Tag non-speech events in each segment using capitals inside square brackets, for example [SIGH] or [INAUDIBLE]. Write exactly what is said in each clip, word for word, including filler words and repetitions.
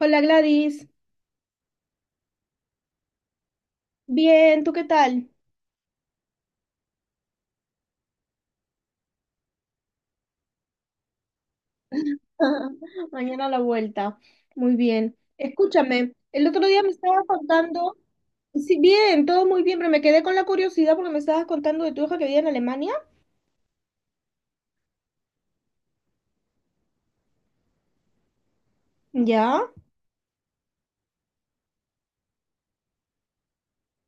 Hola Gladys, bien, ¿tú qué tal? [LAUGHS] Mañana a la vuelta, muy bien. Escúchame, el otro día me estabas contando, sí, bien, todo muy bien, pero me quedé con la curiosidad porque me estabas contando de tu hija que vive en Alemania. Ya,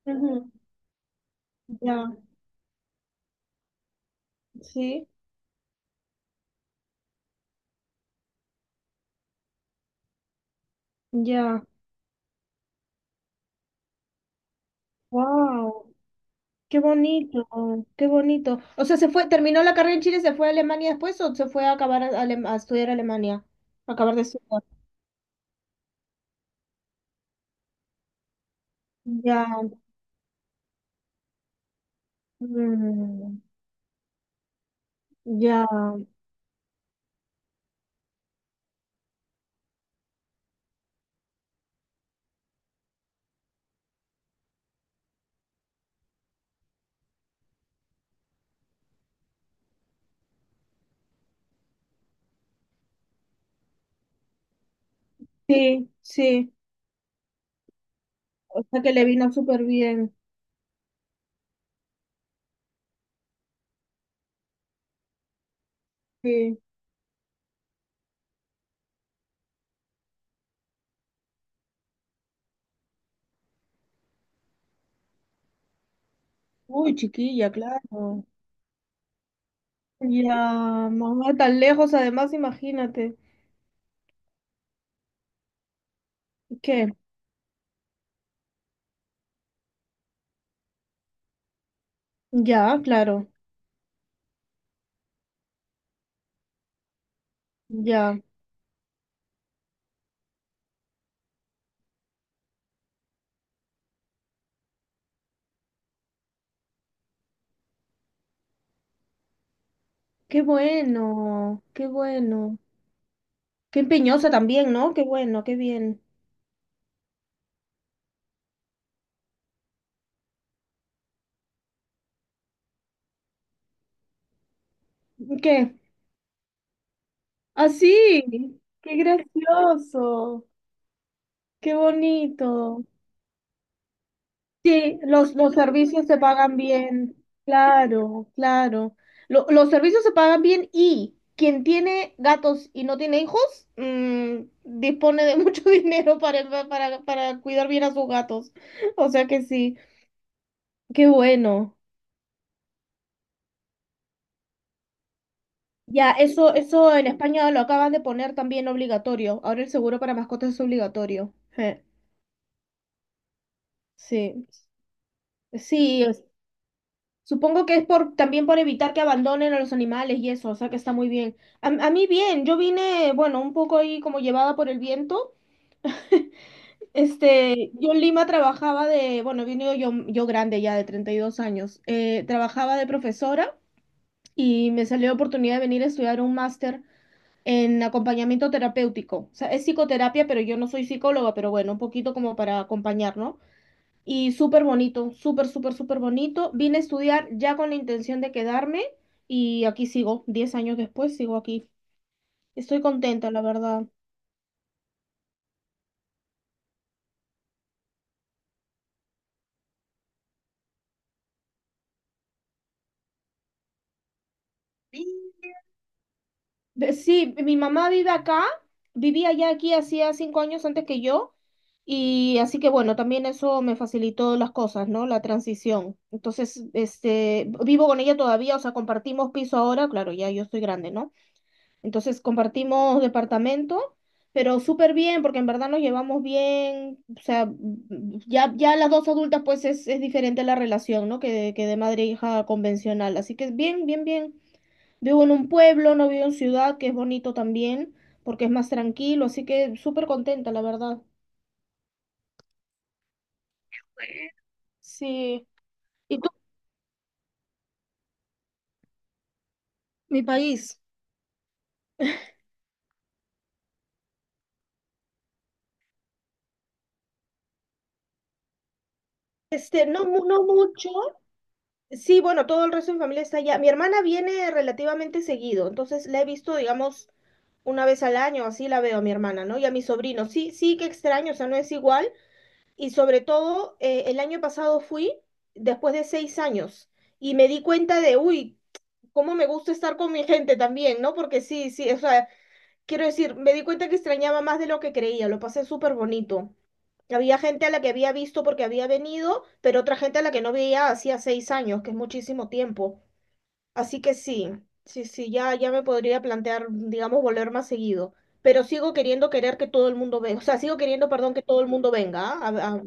ujú, ya, sí, ya, wow, qué bonito, qué bonito. O sea, se fue, terminó la carrera en Chile, ¿se fue a Alemania después o se fue a acabar a, Alem- a estudiar a Alemania? A acabar de estudiar. Ya, mm, ya. Sí, sí, o sea que le vino súper bien. Sí. Uy, chiquilla, claro. Ya, mamá, tan lejos, además, imagínate. ¿Qué? Ya, claro, ya. Qué bueno, qué bueno. Qué empeñosa también, ¿no? Qué bueno, qué bien. ¿Qué? Así, qué gracioso, qué bonito. Sí, los, los servicios se pagan bien, claro, claro. Lo- los servicios se pagan bien y quien tiene gatos y no tiene hijos, mm, dispone de mucho [LAUGHS] dinero para, para, para cuidar bien a sus gatos. O sea que sí, qué bueno. Ya, eso, eso en España lo acaban de poner también obligatorio. Ahora el seguro para mascotas es obligatorio. Je, sí, sí. Supongo que es por también por evitar que abandonen a los animales y eso, o sea que está muy bien. A, a mí bien, yo vine, bueno, un poco ahí como llevada por el viento. Este, yo en Lima trabajaba de, bueno, vine yo, yo grande ya de treinta y dos años, eh, trabajaba de profesora y me salió la oportunidad de venir a estudiar un máster en acompañamiento terapéutico. O sea, es psicoterapia, pero yo no soy psicóloga, pero bueno, un poquito como para acompañar, ¿no? Y súper bonito, súper, súper, súper bonito. Vine a estudiar ya con la intención de quedarme y aquí sigo, diez años después sigo aquí. Estoy contenta, la verdad. Sí. Ve- Sí, mi mamá vive acá, vivía ya aquí hacía cinco años antes que yo, y así que bueno, también eso me facilitó las cosas, ¿no? La transición. Entonces, este, vivo con ella todavía, o sea, compartimos piso ahora, claro, ya yo estoy grande, ¿no? Entonces compartimos departamento, pero súper bien, porque en verdad nos llevamos bien. O sea, mm, ya, ya las dos adultas, pues es, es diferente la relación, ¿no? Que de, que de madre e hija convencional. Así que es bien, bien, bien. Vivo en un pueblo, no vivo en ciudad, que es bonito también, porque es más tranquilo. Así que súper contenta, la verdad. Sí. ¿Y tú? Mi país. Este, no, mu- no mucho. Sí, bueno, todo el resto de mi familia está allá. Mi hermana viene relativamente seguido, entonces la he visto, digamos, una vez al año, así la veo a mi hermana, ¿no? Y a mi sobrino. Sí, sí que extraño, o sea, no es igual. Y sobre todo, eh, el año pasado fui después de seis años y me di cuenta de, uy, cómo me gusta estar con mi gente también, ¿no? Porque sí, sí, o sea, quiero decir, me di cuenta que extrañaba más de lo que creía, lo pasé súper bonito. Había gente a la que había visto porque había venido, pero otra gente a la que no veía hacía seis años, que es muchísimo tiempo. Así que sí, sí, sí, ya, ya me podría plantear, digamos, volver más seguido. Pero sigo queriendo querer que todo el mundo venga. O sea, sigo queriendo, perdón, que todo el mundo venga. ¿Ah? A- a-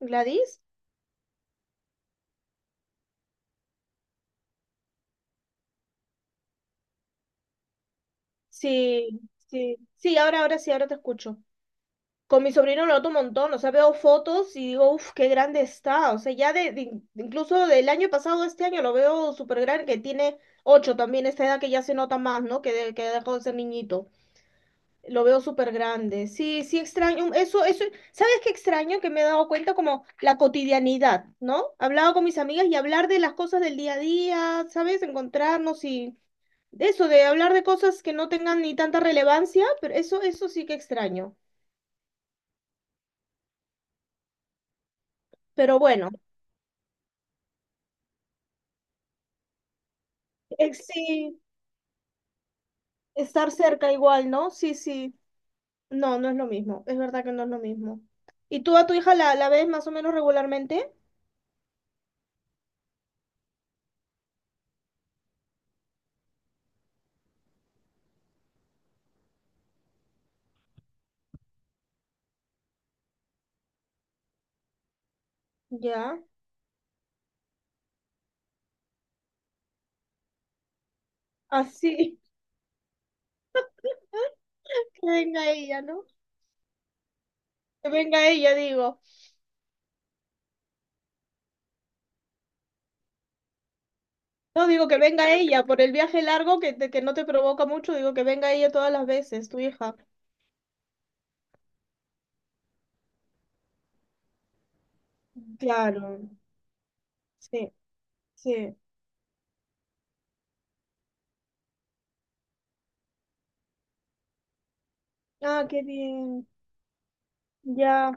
¿Gladys? Sí, sí. Sí, ahora, ahora sí, ahora te escucho. Con mi sobrino lo noto un montón. O sea, veo fotos y digo, uff, qué grande está. O sea, ya de, de- incluso del año pasado, este año, lo veo súper grande, que tiene ocho también, esta edad que ya se nota más, ¿no? Que, de- que dejó de ser niñito. Lo veo súper grande. Sí, sí extraño. mm, Eso, eso, ¿sabes qué extraño? Que me he dado cuenta como la cotidianidad, ¿no? Hablaba con mis amigas y hablar de las cosas del día a día, ¿sabes? Encontrarnos y de eso, de hablar de cosas que no tengan ni tanta relevancia, pero eso, eso sí que extraño. Pero bueno, eh, sí, estar cerca igual, ¿no? Sí, sí. No, no es lo mismo. Es verdad que no es lo mismo. ¿Y tú a tu hija la, la ves más o menos regularmente? Ya. Así, [LAUGHS] que venga ella, ¿no? Que venga ella, digo. No, digo que venga ella, por el viaje largo que, te- que no te provoca mucho, digo que venga ella todas las veces, tu hija. Claro, sí, sí. Ah, qué bien, ya,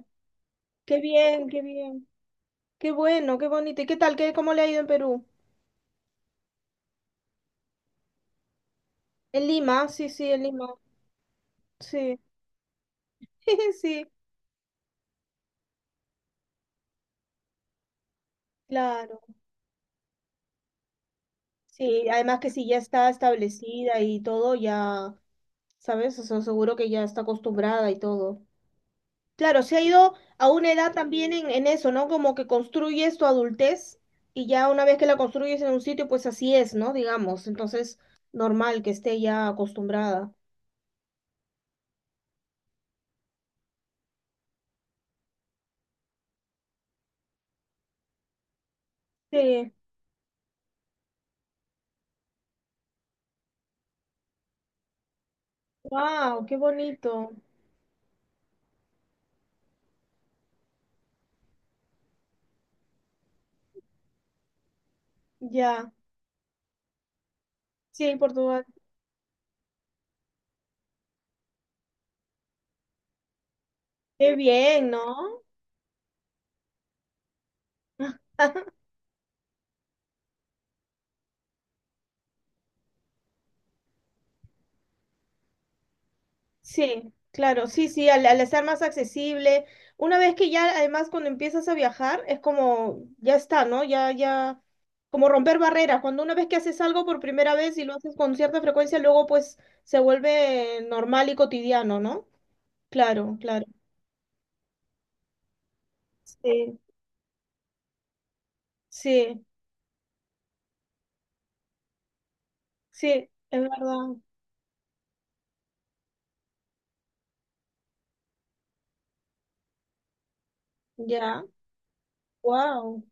qué bien, qué bien, qué bueno, qué bonito. ¿Y qué tal? ¿Qué, cómo le ha ido en Perú? En Lima, sí, sí, en Lima, sí, [LAUGHS] sí, claro. Sí, además que si ya está establecida y todo, ya, ¿sabes? O sea, seguro que ya está acostumbrada y todo. Claro, se ha ido a una edad también en, en eso, ¿no? Como que construyes tu adultez y ya una vez que la construyes en un sitio, pues así es, ¿no? Digamos, entonces normal que esté ya acostumbrada. Sí, wow, qué bonito. Ya, sí, Portugal. Qué bien, ¿no? [LAUGHS] Sí, claro, sí, sí, al, al estar más accesible, una vez que ya, además, cuando empiezas a viajar, es como, ya está, ¿no? Ya, ya, como romper barreras. Cuando una vez que haces algo por primera vez y lo haces con cierta frecuencia, luego pues se vuelve normal y cotidiano, ¿no? Claro, claro. Sí, sí, sí, es verdad. Ya, wow,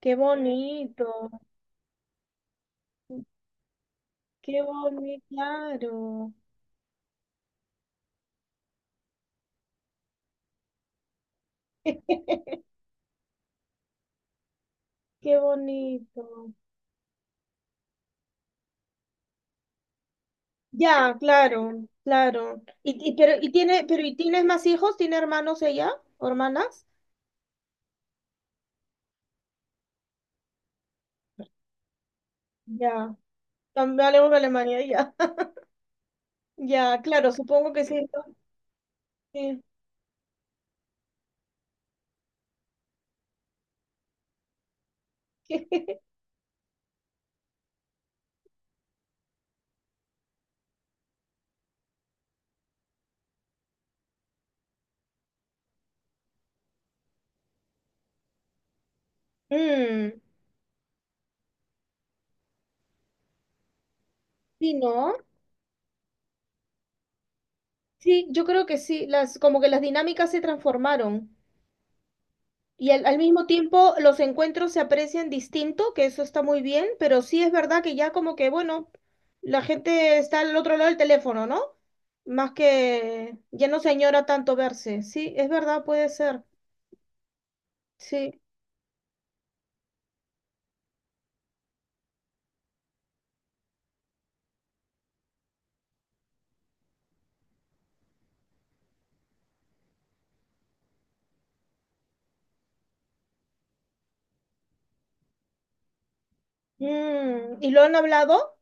qué bonito, qué bonito, claro, [LAUGHS] qué bonito. Ya, claro, claro. Y, y- pero y tiene, pero ¿y tienes más hijos? ¿Tiene hermanos ella? ¿O hermanas? Ya. También hablemos de Alemania, ya. [LAUGHS] Ya, claro, supongo que sí, ¿no? Sí. [LAUGHS] Mm, sí, ¿no? Sí, yo creo que sí. Las, como que las dinámicas se transformaron. Y al, al mismo tiempo los encuentros se aprecian distinto, que eso está muy bien, pero sí es verdad que ya como que, bueno, la gente está al otro lado del teléfono, ¿no? Más que ya no se añora tanto verse. Sí, es verdad, puede ser. Sí. Mm, ¿y lo han hablado?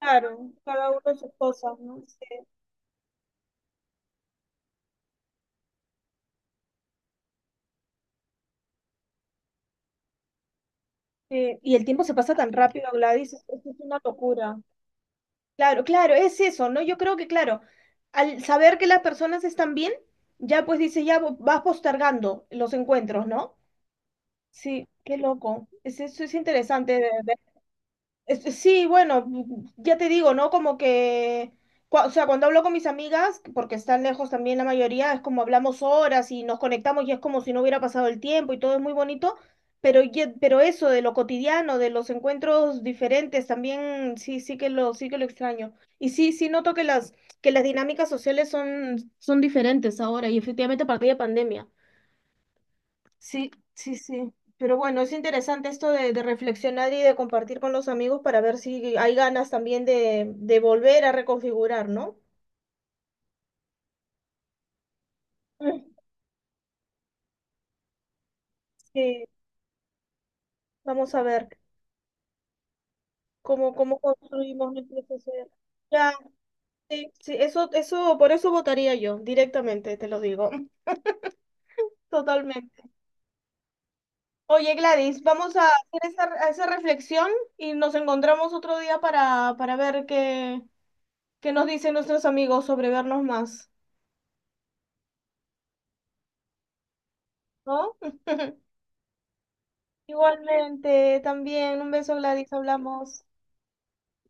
Claro, cada uno sus cosas, ¿no? Sí, sí. Y el tiempo se pasa tan rápido, Gladys, es, es una locura. Claro, claro, es eso, ¿no? Yo creo que, claro, al saber que las personas están bien, ya pues dice, ya vo- vas postergando los encuentros, ¿no? Sí, qué loco. Es, eso es interesante de, ver. Es- eh, Sí, bueno, mm, ya te digo, ¿no? Como que, cua- o sea, cuando hablo con mis amigas, porque están lejos también la mayoría, es como hablamos horas y nos conectamos y es como si no hubiera pasado el tiempo y todo es muy bonito, pero, ye- pero eso de lo cotidiano, de los encuentros diferentes, también sí, sí que lo, sí que lo extraño. Y sí, sí noto que las, que las dinámicas sociales son, son diferentes ahora y efectivamente a partir de pandemia. Sí, sí, sí. Pero bueno, es interesante esto de, de reflexionar y de compartir con los amigos para ver si hay ganas también de, de volver a reconfigurar, ¿no? Mm, sí, vamos a ver cómo, cómo construimos nuestra sociedad. Ya, sí, sí, eso, eso, por eso votaría yo, directamente, te lo digo. [LAUGHS] Totalmente. Oye, Gladys, vamos a hacer esa, a esa reflexión y nos encontramos otro día para, para ver qué, qué nos dicen nuestros amigos sobre vernos más, ¿no? [LAUGHS] Igualmente, también un beso, Gladys, hablamos.